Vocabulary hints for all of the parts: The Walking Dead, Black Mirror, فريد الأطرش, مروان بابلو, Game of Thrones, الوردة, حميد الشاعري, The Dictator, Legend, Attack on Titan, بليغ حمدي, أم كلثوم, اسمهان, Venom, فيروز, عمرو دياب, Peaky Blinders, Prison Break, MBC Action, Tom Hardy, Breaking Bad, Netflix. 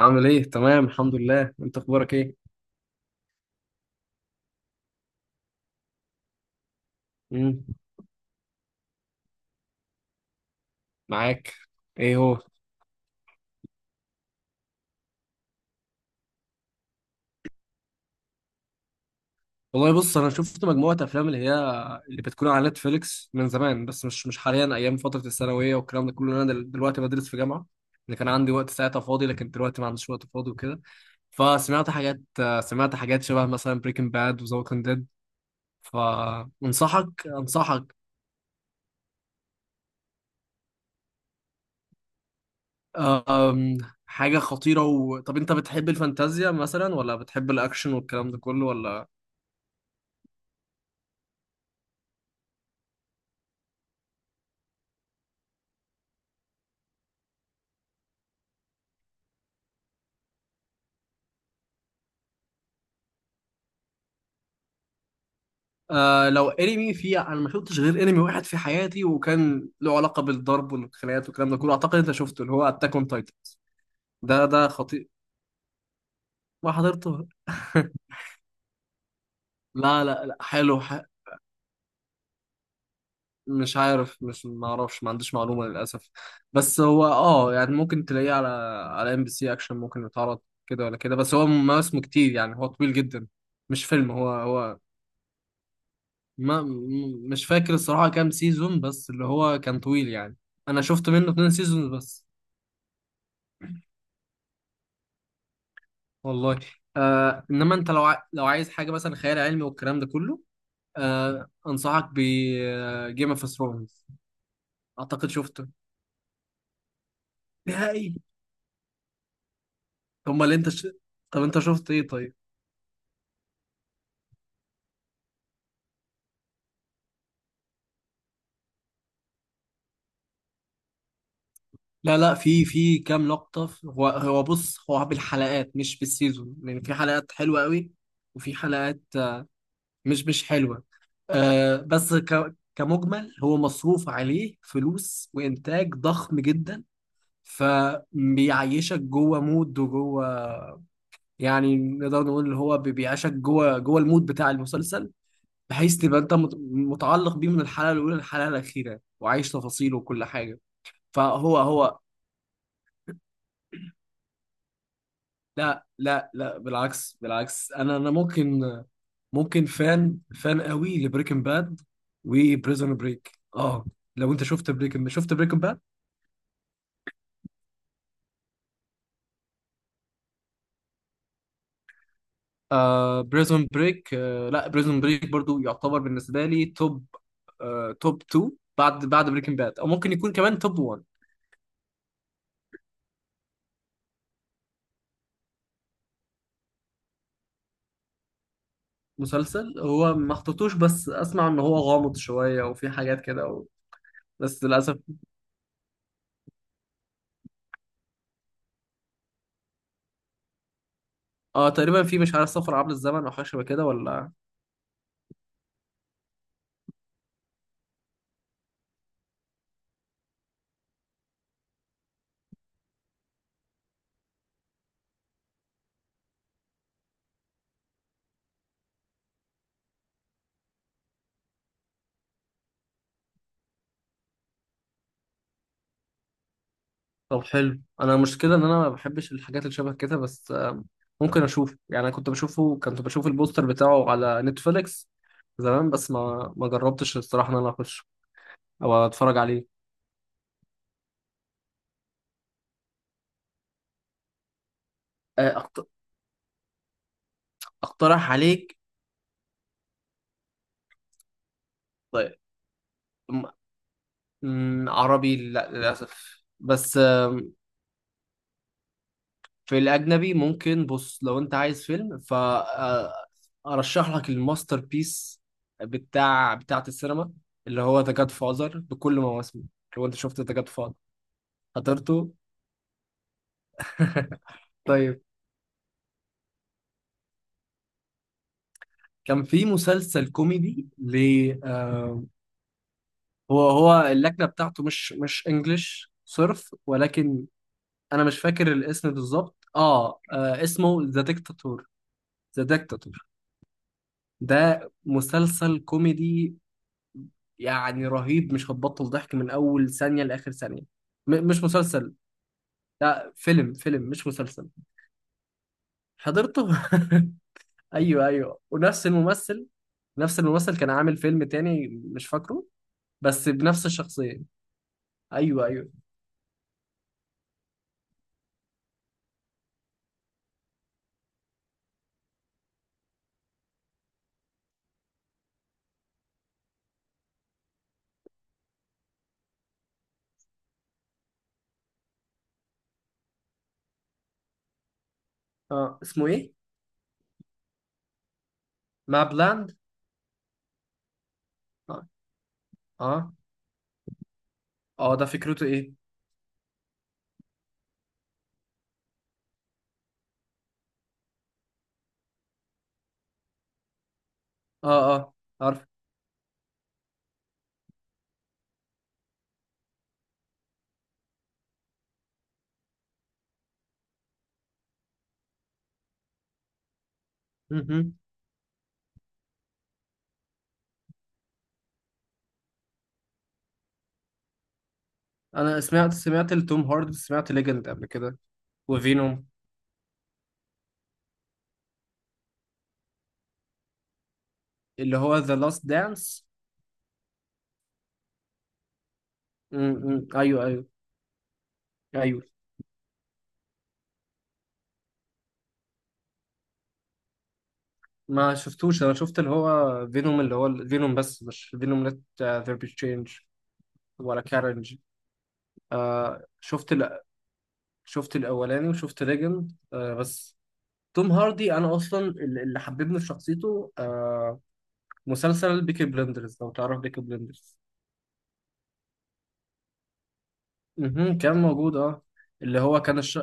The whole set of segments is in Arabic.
عامل ايه؟ تمام، الحمد لله. انت اخبارك ايه؟ امم معاك. ايه هو؟ والله بص، انا شفت مجموعه افلام اللي هي اللي بتكون على نتفليكس من زمان، بس مش حاليا. ايام فتره الثانويه والكلام ده كله. انا دلوقتي بدرس في جامعه. اللي كان عندي وقت ساعتها فاضي، لكن دلوقتي ما عنديش وقت فاضي وكده. فسمعت حاجات سمعت حاجات شبه مثلا بريكنج باد وذا ووكينج ديد. انصحك. أم، حاجه خطيره طب انت بتحب الفانتازيا مثلا، ولا بتحب الاكشن والكلام ده كله ولا؟ آه، لو انمي، في، انا ما شفتش غير انمي واحد في حياتي، وكان له علاقه بالضرب والخناقات والكلام ده كله. اعتقد انت شفته، اللي هو اتاك اون تايتن. ده خطير. ما حضرته؟ لا لا لا، حلو مش عارف، مش ما اعرفش، ما عنديش معلومه للاسف. بس هو اه يعني ممكن تلاقيه على، على ام بي سي اكشن، ممكن يتعرض كده ولا كده. بس هو مواسمه كتير، يعني هو طويل جدا، مش فيلم. هو ما م- مش فاكر الصراحه كام سيزون، بس اللي هو كان طويل يعني. انا شفت منه اتنين سيزون بس. والله. آه، انما انت لو لو عايز حاجه مثلا خيال علمي والكلام ده كله، آه، انصحك ب جيم اوف ثرونز. اعتقد شفته، نهائي. هما اللي انت طب انت شفت ايه طيب؟ لا لا، في، في كام لقطه، هو بص، هو بالحلقات مش بالسيزون، يعني في حلقات حلوه قوي، وفي حلقات مش حلوه. آه، بس كمجمل هو مصروف عليه فلوس وانتاج ضخم جدا، فبيعيشك جوه مود وجوه، يعني نقدر نقول اللي هو بيعيشك جوه، جوه المود بتاع المسلسل، بحيث تبقى انت متعلق بيه من الحلقه الاولى للحلقه الاخيره، وعايش تفاصيله وكل حاجه. فهو. لا لا لا، بالعكس، بالعكس، انا ممكن، ممكن فان، فان قوي لبريكنج باد وبريزون بريك. اه، لو انت شفت بريكنج، شفت بريكنج باد. آه، بريزون بريك، آه، لا بريزون بريك برضو يعتبر بالنسبه لي توب، آه، توب 2، بعد بريكنج باد، او ممكن يكون كمان توب 1. مسلسل، هو ما حطيتوش، بس اسمع ان هو غامض شويه وفي حاجات كده بس للاسف. اه، تقريبا في، مش عارف، سفر عبر الزمن او حاجه شبه كده ولا؟ طب حلو. انا المشكله ان انا ما بحبش الحاجات اللي شبه كده، بس آه، ممكن اشوف يعني. انا كنت بشوفه، كنت بشوف البوستر بتاعه على نتفليكس زمان، بس ما جربتش الصراحه ان انا اخش او اتفرج عليه. آه، اقترح عليك. طيب، م... عربي لا، للاسف. بس في الأجنبي ممكن، بص، لو أنت عايز فيلم، فأرشح لك الماستر بيس بتاع، بتاعة السينما، اللي هو ذا جاد فازر، بكل مواسمه. لو أنت شفت ذا جاد فازر، حضرته. طيب، كان في مسلسل كوميدي ل، آه، هو اللكنة بتاعته مش انجلش صرف، ولكن انا مش فاكر الاسم بالظبط. اه، آه، اسمه ذا ديكتاتور. ذا ديكتاتور. ده مسلسل كوميدي، يعني رهيب، مش هتبطل ضحك من اول ثانيه لاخر ثانيه. مش مسلسل، لا، فيلم، فيلم مش مسلسل. حضرته. ايوه ايوه، ونفس الممثل. نفس الممثل كان عامل فيلم تاني، مش فاكره، بس بنفس الشخصيه. ايوه ايوه. اه، اسمه ايه؟ ما بلاند. اه اه. اه، ده فكرته ايه؟ اه اه، عارف. مهم. انا سمعت، سمعت لتوم هاردي، سمعت ليجند قبل كده، وفينوم، اللي هو ذا لاست دانس. ايوه ايوه. ايوه، ما شفتوش. انا شفت اللي هو فينوم، اللي هو فينوم، بس مش فينوم ليت ذير بي تشينج ولا كارنج. آه، شفت الاولاني، وشفت ليجند. آه بس توم هاردي انا اصلا، اللي حببني في شخصيته، آه، مسلسل بيكي بلندرز، لو تعرف بيكي بلندرز. مهم. كان موجود، اه. اللي هو كان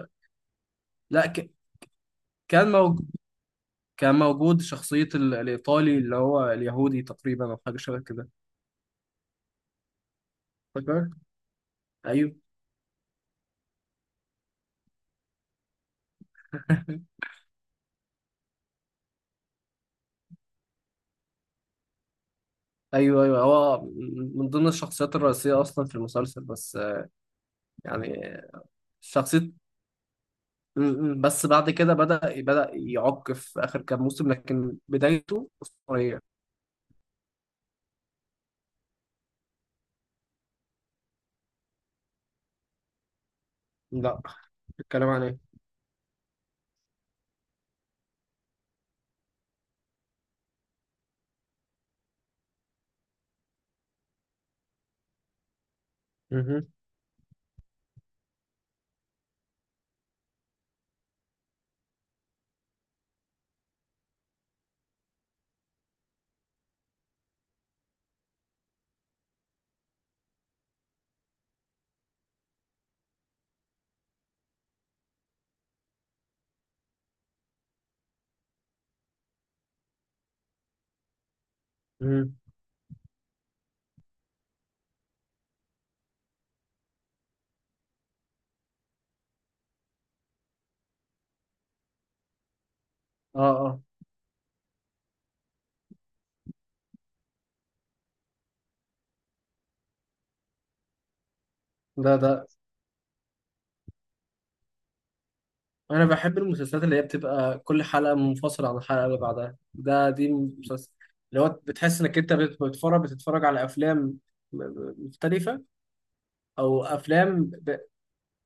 لا كان موجود، كان موجود شخصية الإيطالي اللي هو اليهودي تقريبا، أو حاجة شبه كده. فاكر؟ أيوه. ايوه ايوه، هو من ضمن الشخصيات الرئيسيه اصلا في المسلسل، بس آه، يعني شخصيه، بس بعد كده بدأ، بدأ يعق في اخر كام موسم، لكن بدايته اسطوريه. لا. الكلام عن ايه؟ مهم. مهم. اه اه. ده انا بحب المسلسلات اللي هي بتبقى كل حلقه منفصله عن الحلقه اللي بعدها. ده دي مسلسل اللي هو بتحس انك انت بتتفرج، بتتفرج على افلام مختلفه، او افلام.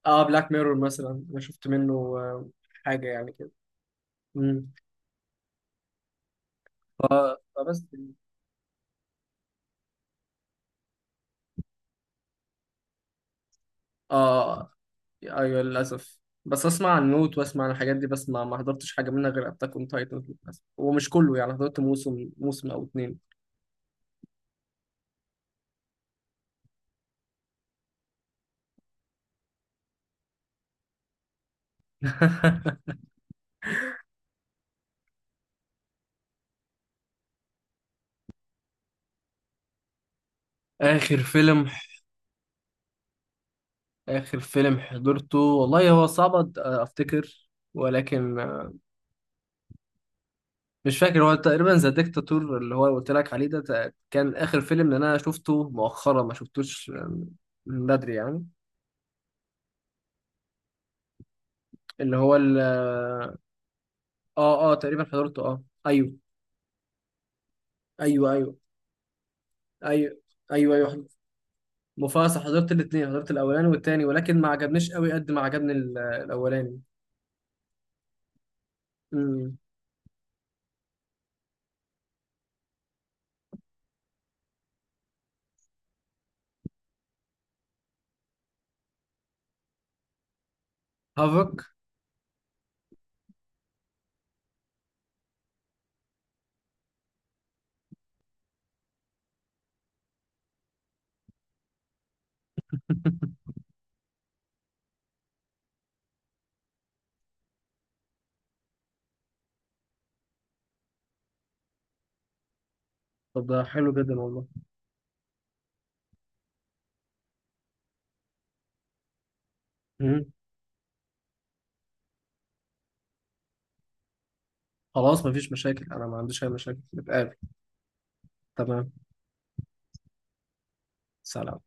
اه، بلاك ميرور مثلا، انا شفت منه آه، حاجه يعني كده. امم فبس. اه، ايوه، للاسف. بس اسمع عن نوت، واسمع عن الحاجات دي، بس ما حضرتش حاجه منها غير اتاك اون تايتن للاسف، ومش كله يعني، حضرت موسم، موسم او اتنين. اخر فيلم؟ اخر فيلم حضرته والله هو صعب افتكر، ولكن آه، مش فاكر. هو تقريبا ذا ديكتاتور، اللي هو قلت لك عليه ده، كان اخر فيلم اللي انا شفته، مؤخرا ما شفتوش آه، من بدري يعني. اللي هو، اه اه تقريبا حضرته، اه، ايوه ايوه. ايوه ايوه. ايوه ايوه، حضرت مفاصل، حضرت الاثنين، حضرت الاولاني والتاني، ولكن ما عجبنيش قوي قد ما عجبني الاولاني. امم. هافك. طب ده حلو جدا والله. امم. خلاص، مفيش مشاكل، انا ما عنديش اي مشاكل، نتقابل. تمام. سلام.